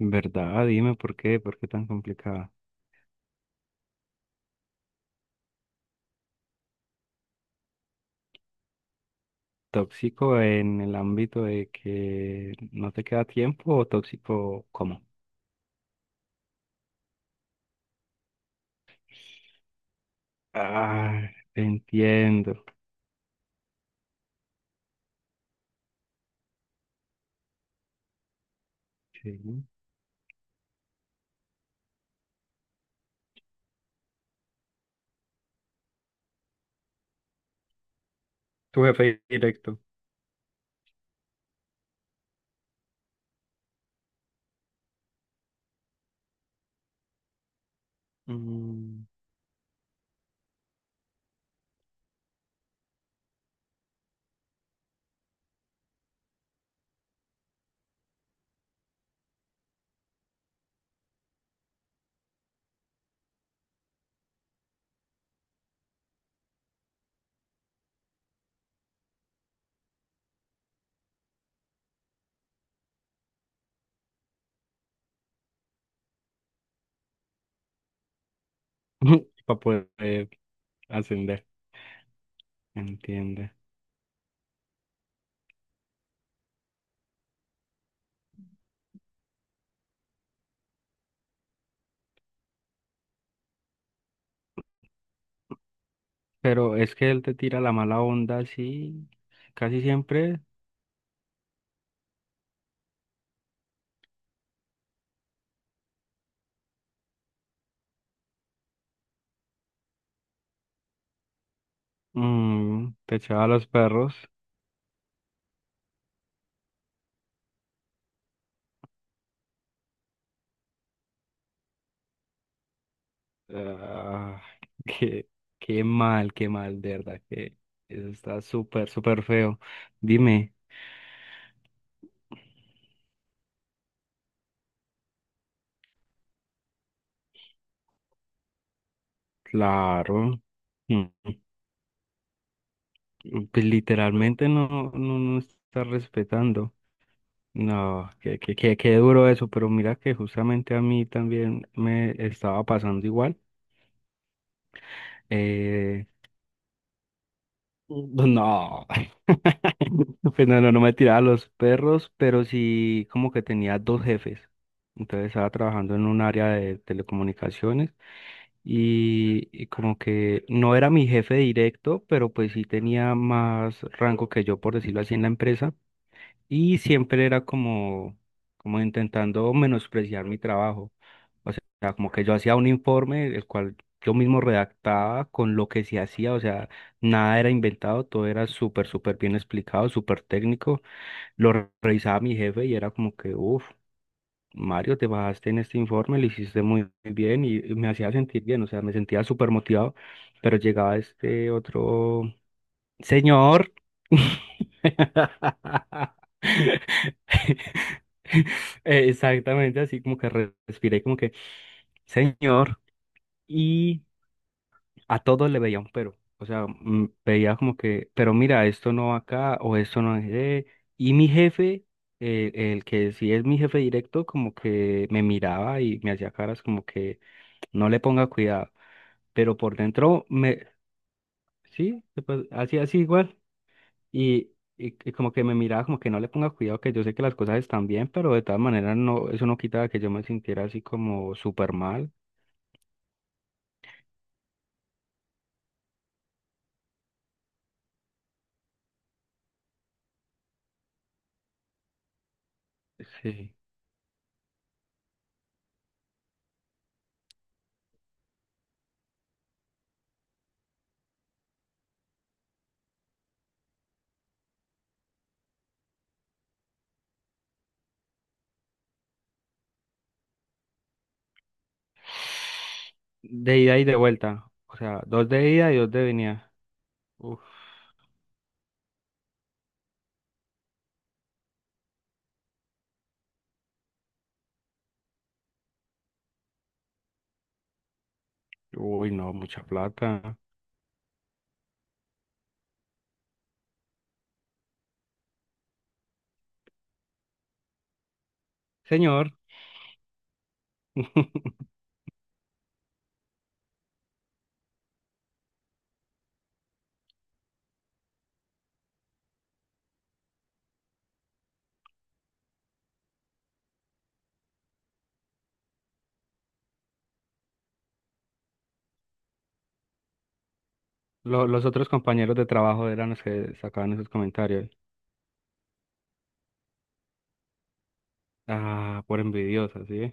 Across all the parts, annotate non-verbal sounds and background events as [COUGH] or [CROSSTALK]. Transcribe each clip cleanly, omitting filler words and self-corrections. ¿Verdad? Dime por qué tan complicada. ¿Tóxico en el ámbito de que no te queda tiempo o tóxico cómo? Ah, entiendo. Sí. Tu jefe directo. Mm. [LAUGHS] Para poder ascender. Entiende. Pero es que él te tira la mala onda así, casi siempre. Mm, te echaba a los perros. Ah, [LAUGHS] qué, qué mal, de verdad, que eso está súper, súper feo. Dime, claro, mm, mm, pues literalmente no, no, no está respetando. No, qué, qué, qué, qué duro eso, pero mira que justamente a mí también me estaba pasando igual. Eh, no. [LAUGHS] [LAUGHS] Pues no, no, no me tiraba a los perros, pero sí como que tenía dos jefes. Entonces estaba trabajando en un área de telecomunicaciones y como que no era mi jefe directo, pero pues sí tenía más rango que yo, por decirlo así, en la empresa y siempre era como, como intentando menospreciar mi trabajo. O sea, como que yo hacía un informe, el cual yo mismo redactaba con lo que se hacía, o sea, nada era inventado, todo era súper, súper bien explicado, súper técnico. Revisaba mi jefe y era como que, uff, Mario, te bajaste en este informe, lo hiciste muy bien y me hacía sentir bien, o sea, me sentía súper motivado, pero llegaba este otro señor. [LAUGHS] [LAUGHS] [LAUGHS] Exactamente, así como que respiré como que, señor, y a todos le veía un pero, o sea, mm, veía como que, pero mira, esto no va acá o esto no es de... Y mi jefe, el que sí es mi jefe directo, como que me miraba y me hacía caras como que no le ponga cuidado, pero por dentro me, sí, pues, así, así igual. Y, y como que me miraba como que no le ponga cuidado, que yo sé que las cosas están bien, pero de todas maneras no, eso no quitaba que yo me sintiera así como súper mal. Sí. De ida y de vuelta. O sea, dos de ida y dos de venida. Uf, uy, no, mucha plata. Señor. [LAUGHS] Los otros compañeros de trabajo eran los que sacaban esos comentarios. Ah, por envidiosos, ¿sí?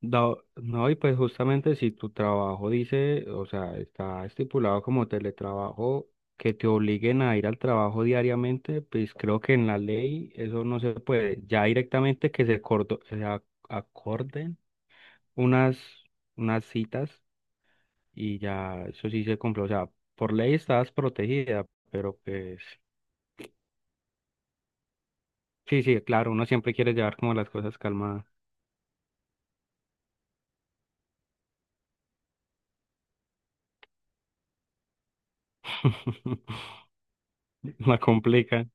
No, y pues justamente si tu trabajo dice, o sea, está estipulado como teletrabajo, que te obliguen a ir al trabajo diariamente, pues creo que en la ley eso no se puede. Ya directamente que se, acorden unas, unas citas y ya eso sí se cumple. O sea, por ley estás protegida, pero pues sí, sí, claro, uno siempre quiere llevar como las cosas calmadas. [LAUGHS] La complican,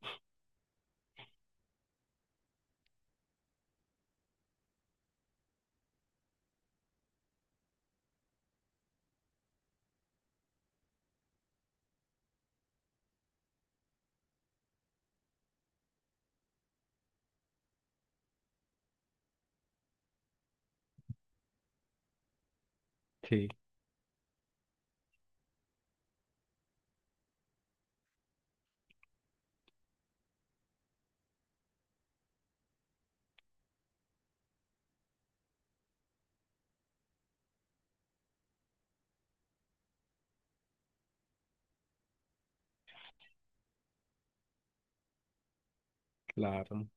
sí, claro.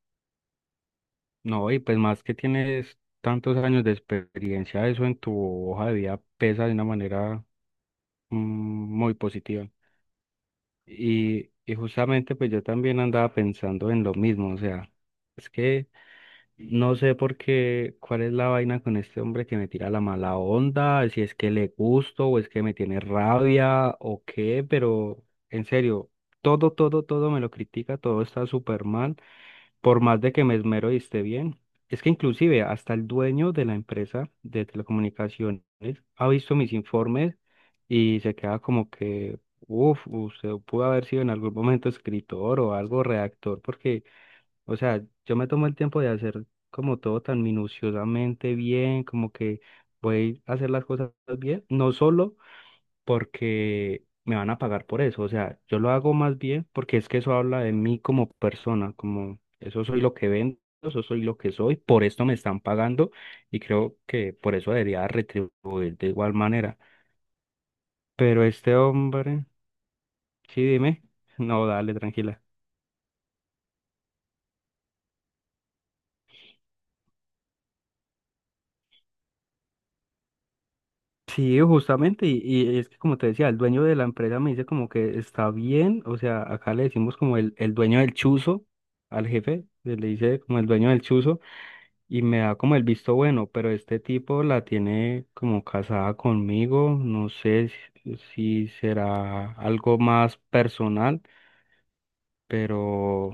No, y pues más que tienes tantos años de experiencia, eso en tu hoja de vida pesa de una manera mm, muy positiva. Y, justamente pues yo también andaba pensando en lo mismo, o sea, es que no sé por qué, cuál es la vaina con este hombre que me tira la mala onda, si es que le gusto o es que me tiene rabia o qué, pero en serio, todo, todo, todo me lo critica, todo está súper mal. Por más de que me esmero y esté bien, es que inclusive hasta el dueño de la empresa de telecomunicaciones ha visto mis informes y se queda como que, uff, usted pudo haber sido en algún momento escritor o algo redactor, porque, o sea, yo me tomo el tiempo de hacer como todo tan minuciosamente bien, como que voy a hacer las cosas bien, no solo porque me van a pagar por eso. O sea, yo lo hago más bien porque es que eso habla de mí como persona, como eso soy lo que vendo, eso soy lo que soy, por esto me están pagando y creo que por eso debería retribuir de igual manera. Pero este hombre, sí, dime, [LAUGHS] no, dale, tranquila. Sí, justamente, y, es que como te decía, el dueño de la empresa me dice como que está bien, o sea, acá le decimos como el dueño del chuzo al jefe, le dice como el dueño del chuzo, y me da como el visto bueno, pero este tipo la tiene como casada conmigo, no sé si, si será algo más personal, pero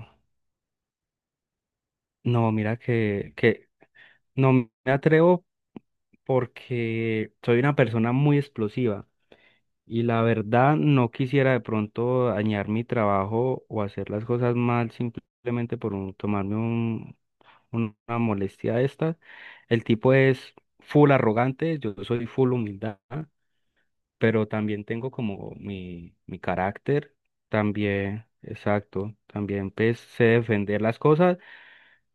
no, mira que, no me atrevo porque soy una persona muy explosiva y la verdad no quisiera de pronto dañar mi trabajo o hacer las cosas mal simplemente por tomarme una molestia de estas. El tipo es full arrogante, yo soy full humildad, pero también tengo como mi, carácter, también, exacto, también pues sé defender las cosas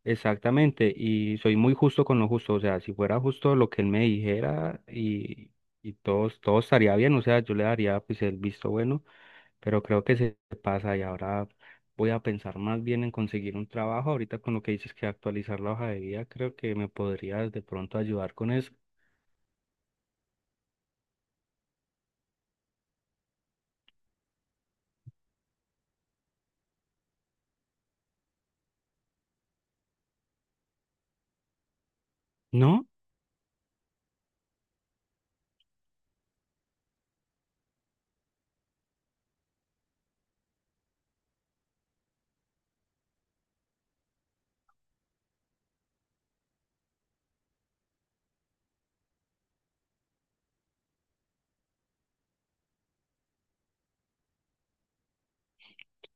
exactamente y soy muy justo con lo justo, o sea, si fuera justo lo que él me dijera y todo, todo estaría bien, o sea, yo le daría pues el visto bueno pero creo que se pasa y ahora voy a pensar más bien en conseguir un trabajo. Ahorita con lo que dices que actualizar la hoja de vida, creo que me podrías de pronto ayudar con eso. ¿No?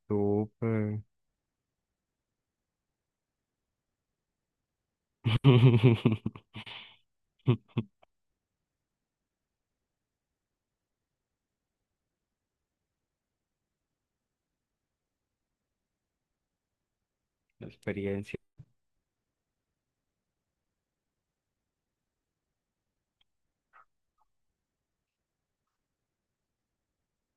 Súper. [LAUGHS] La experiencia.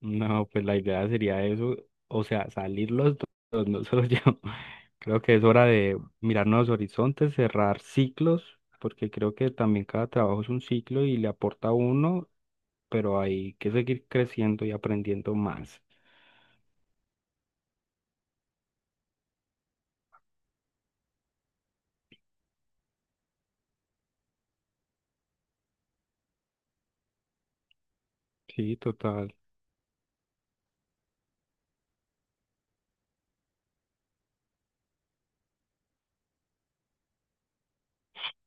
No, pues la idea sería eso, o sea, salir los dos, [LAUGHS] no solo yo. [LAUGHS] Creo que es hora de mirar nuevos horizontes, cerrar ciclos, porque creo que también cada trabajo es un ciclo y le aporta a uno, pero hay que seguir creciendo y aprendiendo más. Sí, total.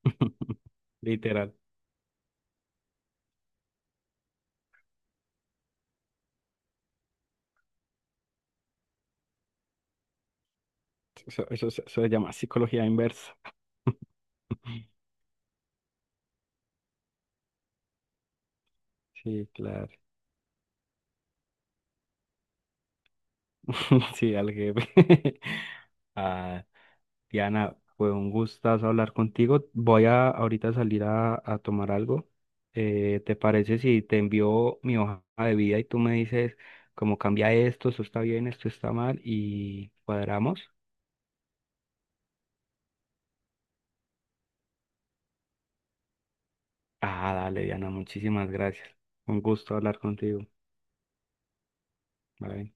[LAUGHS] Literal. Eso, eso se llama psicología inversa. [LAUGHS] Sí, claro. [LAUGHS] Sí, al jefe. [LAUGHS] Ah, Diana, fue un gustazo hablar contigo. Voy a ahorita salir a tomar algo. ¿Te parece si te envío mi hoja de vida y tú me dices cómo cambia esto, esto está bien, esto está mal y cuadramos? Ah, dale, Diana, muchísimas gracias. Un gusto hablar contigo. Bye.